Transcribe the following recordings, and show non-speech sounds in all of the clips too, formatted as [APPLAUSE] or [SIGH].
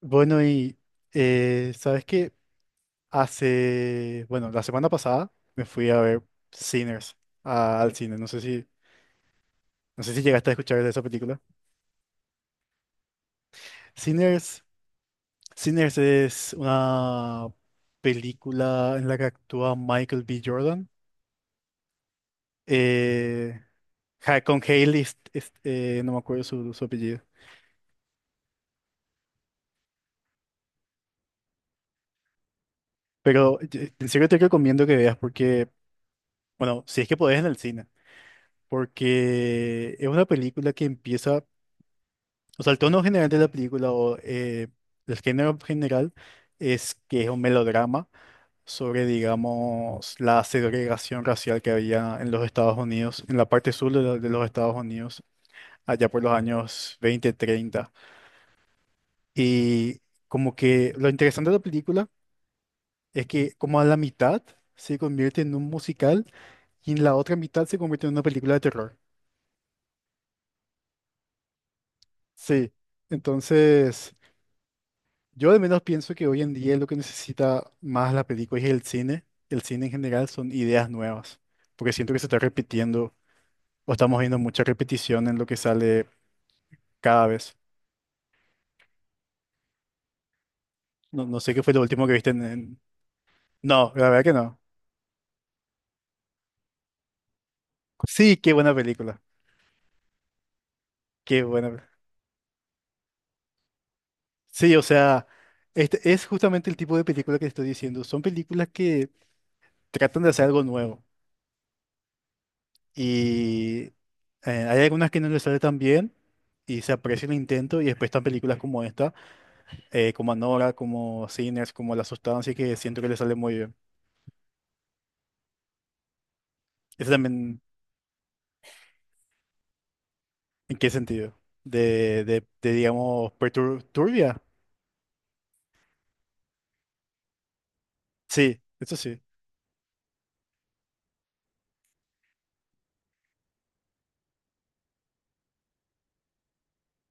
Bueno, y sabes que hace, bueno, la semana pasada me fui a ver Sinners al cine. No sé si, no sé si llegaste a escuchar de esa película. Sinners, Sinners es una película en la que actúa Michael B. Jordan. eh, con Hailey, no me acuerdo su, su apellido. Pero en serio te recomiendo que veas porque, bueno, si es que podés en el cine, porque es una película que empieza. O sea, el tono general de la película o el género general es que es un melodrama sobre, digamos, la segregación racial que había en los Estados Unidos, en la parte sur de, de los Estados Unidos, allá por los años 20, 30. Y como que lo interesante de la película es que como a la mitad se convierte en un musical y en la otra mitad se convierte en una película de terror. Sí, entonces... Yo al menos pienso que hoy en día lo que necesita más la película y el cine en general, son ideas nuevas, porque siento que se está repitiendo o estamos viendo mucha repetición en lo que sale cada vez. No, no sé qué fue lo último que viste en... No, la verdad que no. Sí, qué buena película, qué buena. Sí, o sea, este es justamente el tipo de película que estoy diciendo. Son películas que tratan de hacer algo nuevo y hay algunas que no les sale tan bien y se aprecia el intento y después están películas como esta como Anora, como Sinners, como La Sustancia, así que siento que le sale muy bien. ¿Eso también en qué sentido? De, digamos, turbia. Sí, eso sí.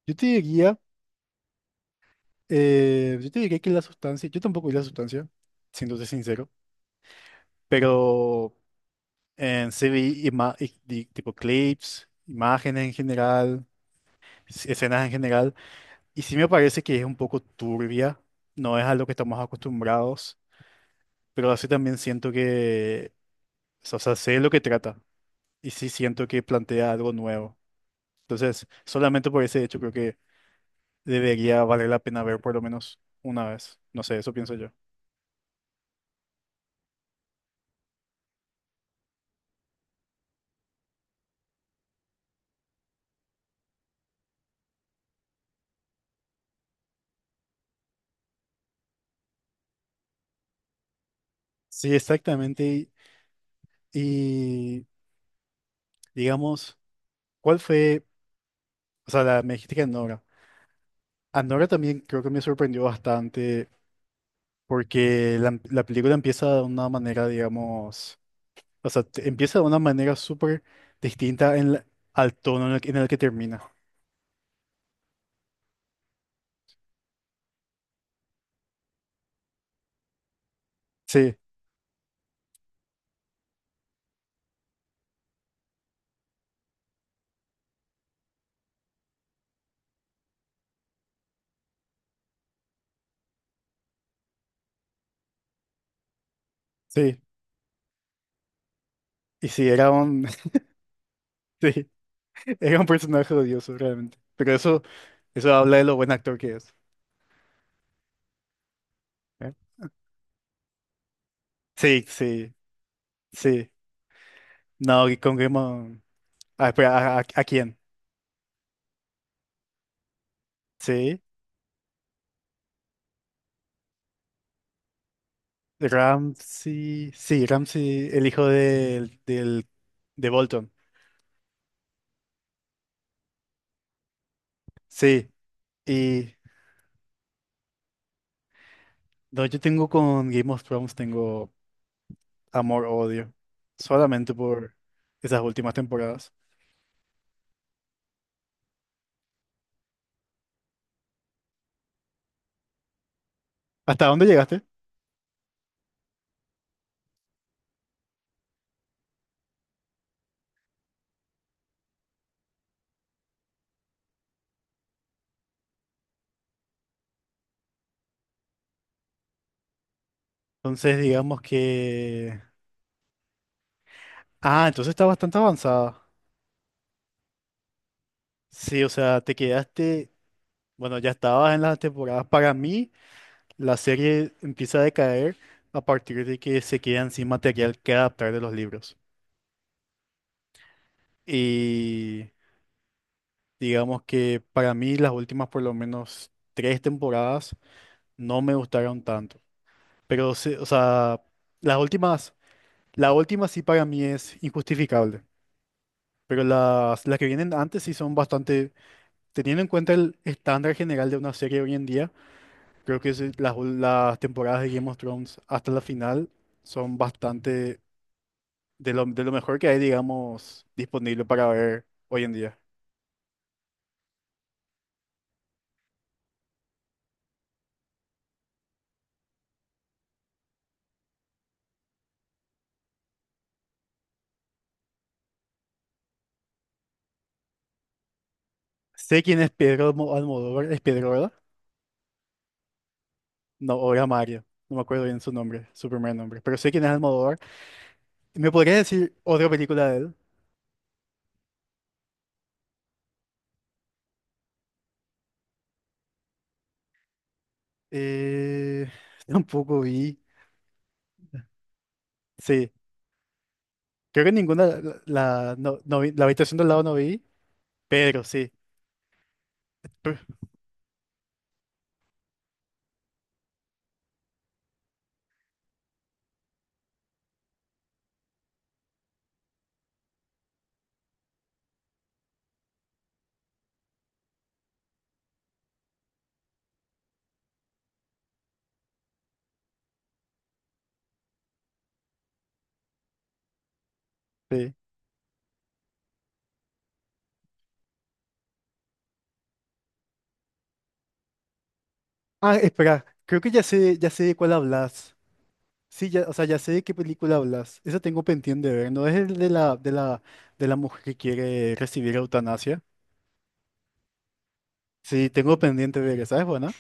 Yo te diría, yo te diría que La Sustancia, yo tampoco vi La Sustancia, siéndote sincero, pero en sí vi tipo clips, imágenes en general, escenas en general, y sí me parece que es un poco turbia, no es a lo que estamos acostumbrados. Pero así también siento que... O sea, sé de lo que trata y sí siento que plantea algo nuevo. Entonces, solamente por ese hecho creo que debería valer la pena ver por lo menos una vez. No sé, eso pienso yo. Sí, exactamente. Y, digamos, ¿cuál fue? O sea, la, me dijiste que Anora. Anora también creo que me sorprendió bastante porque la película empieza de una manera, digamos, o sea, empieza de una manera súper distinta en al tono en el que termina. Sí, sí. Y sí era un... [LAUGHS] Sí. Era un personaje odioso, realmente. Pero eso habla de lo buen actor que es. ¿Eh? Sí, sí, sí. No, y con Gaiman. Ah, espera, ¿a, a quién? Sí. Ramsey. Sí, Ramsey, el hijo del, del, de Bolton. Sí. Y no, yo tengo con Game of Thrones, tengo amor-odio. Solamente por esas últimas temporadas. ¿Hasta dónde llegaste? Entonces, digamos que. Ah, entonces está bastante avanzada. Sí, o sea, te quedaste, bueno, ya estabas en las temporadas. Para mí, la serie empieza a decaer a partir de que se quedan sin material que adaptar de los libros. Y digamos que para mí las últimas por lo menos tres temporadas no me gustaron tanto. Pero, o sea, las últimas, la última sí para mí es injustificable. Pero las que vienen antes sí son bastante, teniendo en cuenta el estándar general de una serie hoy en día. Creo que sí, las, las temporadas de Game of Thrones hasta la final son bastante de lo mejor que hay, digamos, disponible para ver hoy en día. Sé quién es Pedro Almodóvar, es Pedro, ¿verdad? No, o era Mario, no me acuerdo bien su nombre, su primer nombre, pero sé quién es Almodóvar. ¿Me podrías decir otra película de él? Eh, [LAUGHS] tampoco vi, sí, creo que ninguna, la, no vi, la habitación del lado no vi, pero sí, [LAUGHS] pr- sí. Ah, espera, creo que ya sé de cuál hablas. Sí, ya, o sea, ya sé de qué película hablas. Esa tengo pendiente de ver. ¿No es el de la, de la, de la mujer que quiere recibir eutanasia? Sí, tengo pendiente de ver esa. ¿Es buena?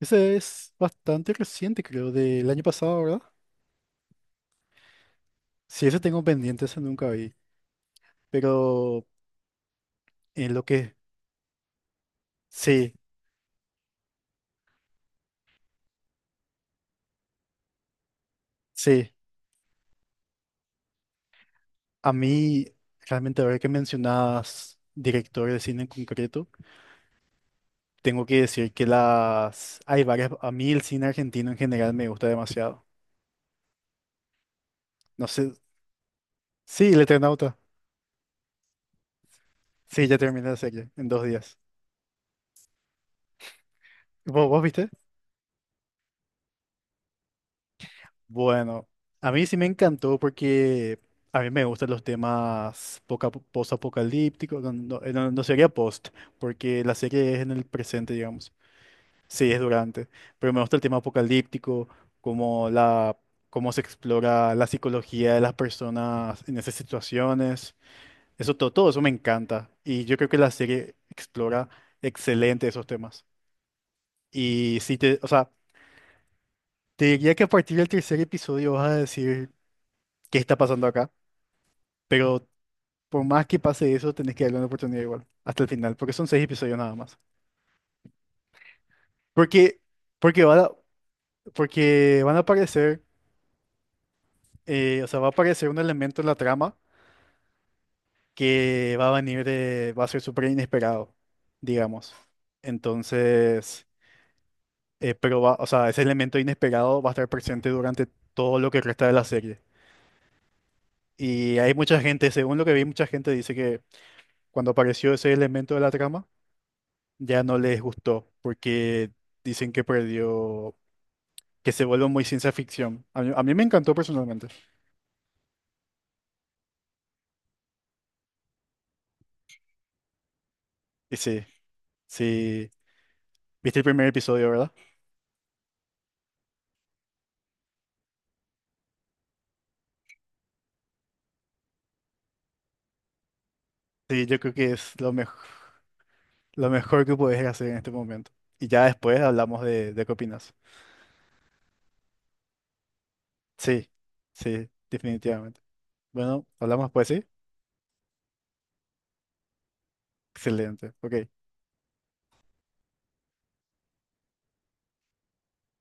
Esa es bastante reciente, creo, del año pasado, ¿verdad? Sí, esa tengo pendiente, esa nunca vi. Pero en lo que... Sí, sí. A mí, realmente, ahora que mencionas director de cine en concreto, tengo que decir que las... Hay varias... A mí el cine argentino en general me gusta demasiado. No sé... Sí, el Eternauta. Sí, ya terminé la serie en 2 días. ¿Vos, vos viste? Bueno, a mí sí me encantó porque a mí me gustan los temas post-apocalípticos. No, no, no sería post, porque la serie es en el presente, digamos. Sí, es durante. Pero me gusta el tema apocalíptico, como la, cómo se explora la psicología de las personas en esas situaciones. Eso, todo, todo eso me encanta. Y yo creo que la serie explora excelente esos temas. Y sí te, o sea. Te diría que a partir del tercer episodio vas a decir qué está pasando acá, pero por más que pase eso, tenés que darle una oportunidad igual, hasta el final, porque son 6 episodios nada más. Porque, porque, van a, porque van a aparecer, o sea, va a aparecer un elemento en la trama que va a venir de, va a ser súper inesperado, digamos. Entonces, pero va, o sea, ese elemento inesperado va a estar presente durante todo lo que resta de la serie. Y hay mucha gente, según lo que vi, mucha gente dice que cuando apareció ese elemento de la trama, ya no les gustó porque dicen que perdió, que se vuelve muy ciencia ficción. A mí me encantó personalmente. Y sí, sí, viste el primer episodio, ¿verdad? Sí, yo creo que es lo mejor que puedes hacer en este momento. Y ya después hablamos de qué opinas. Sí, sí, definitivamente. Bueno, hablamos pues, sí. Excelente. Ok,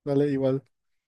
dale igual.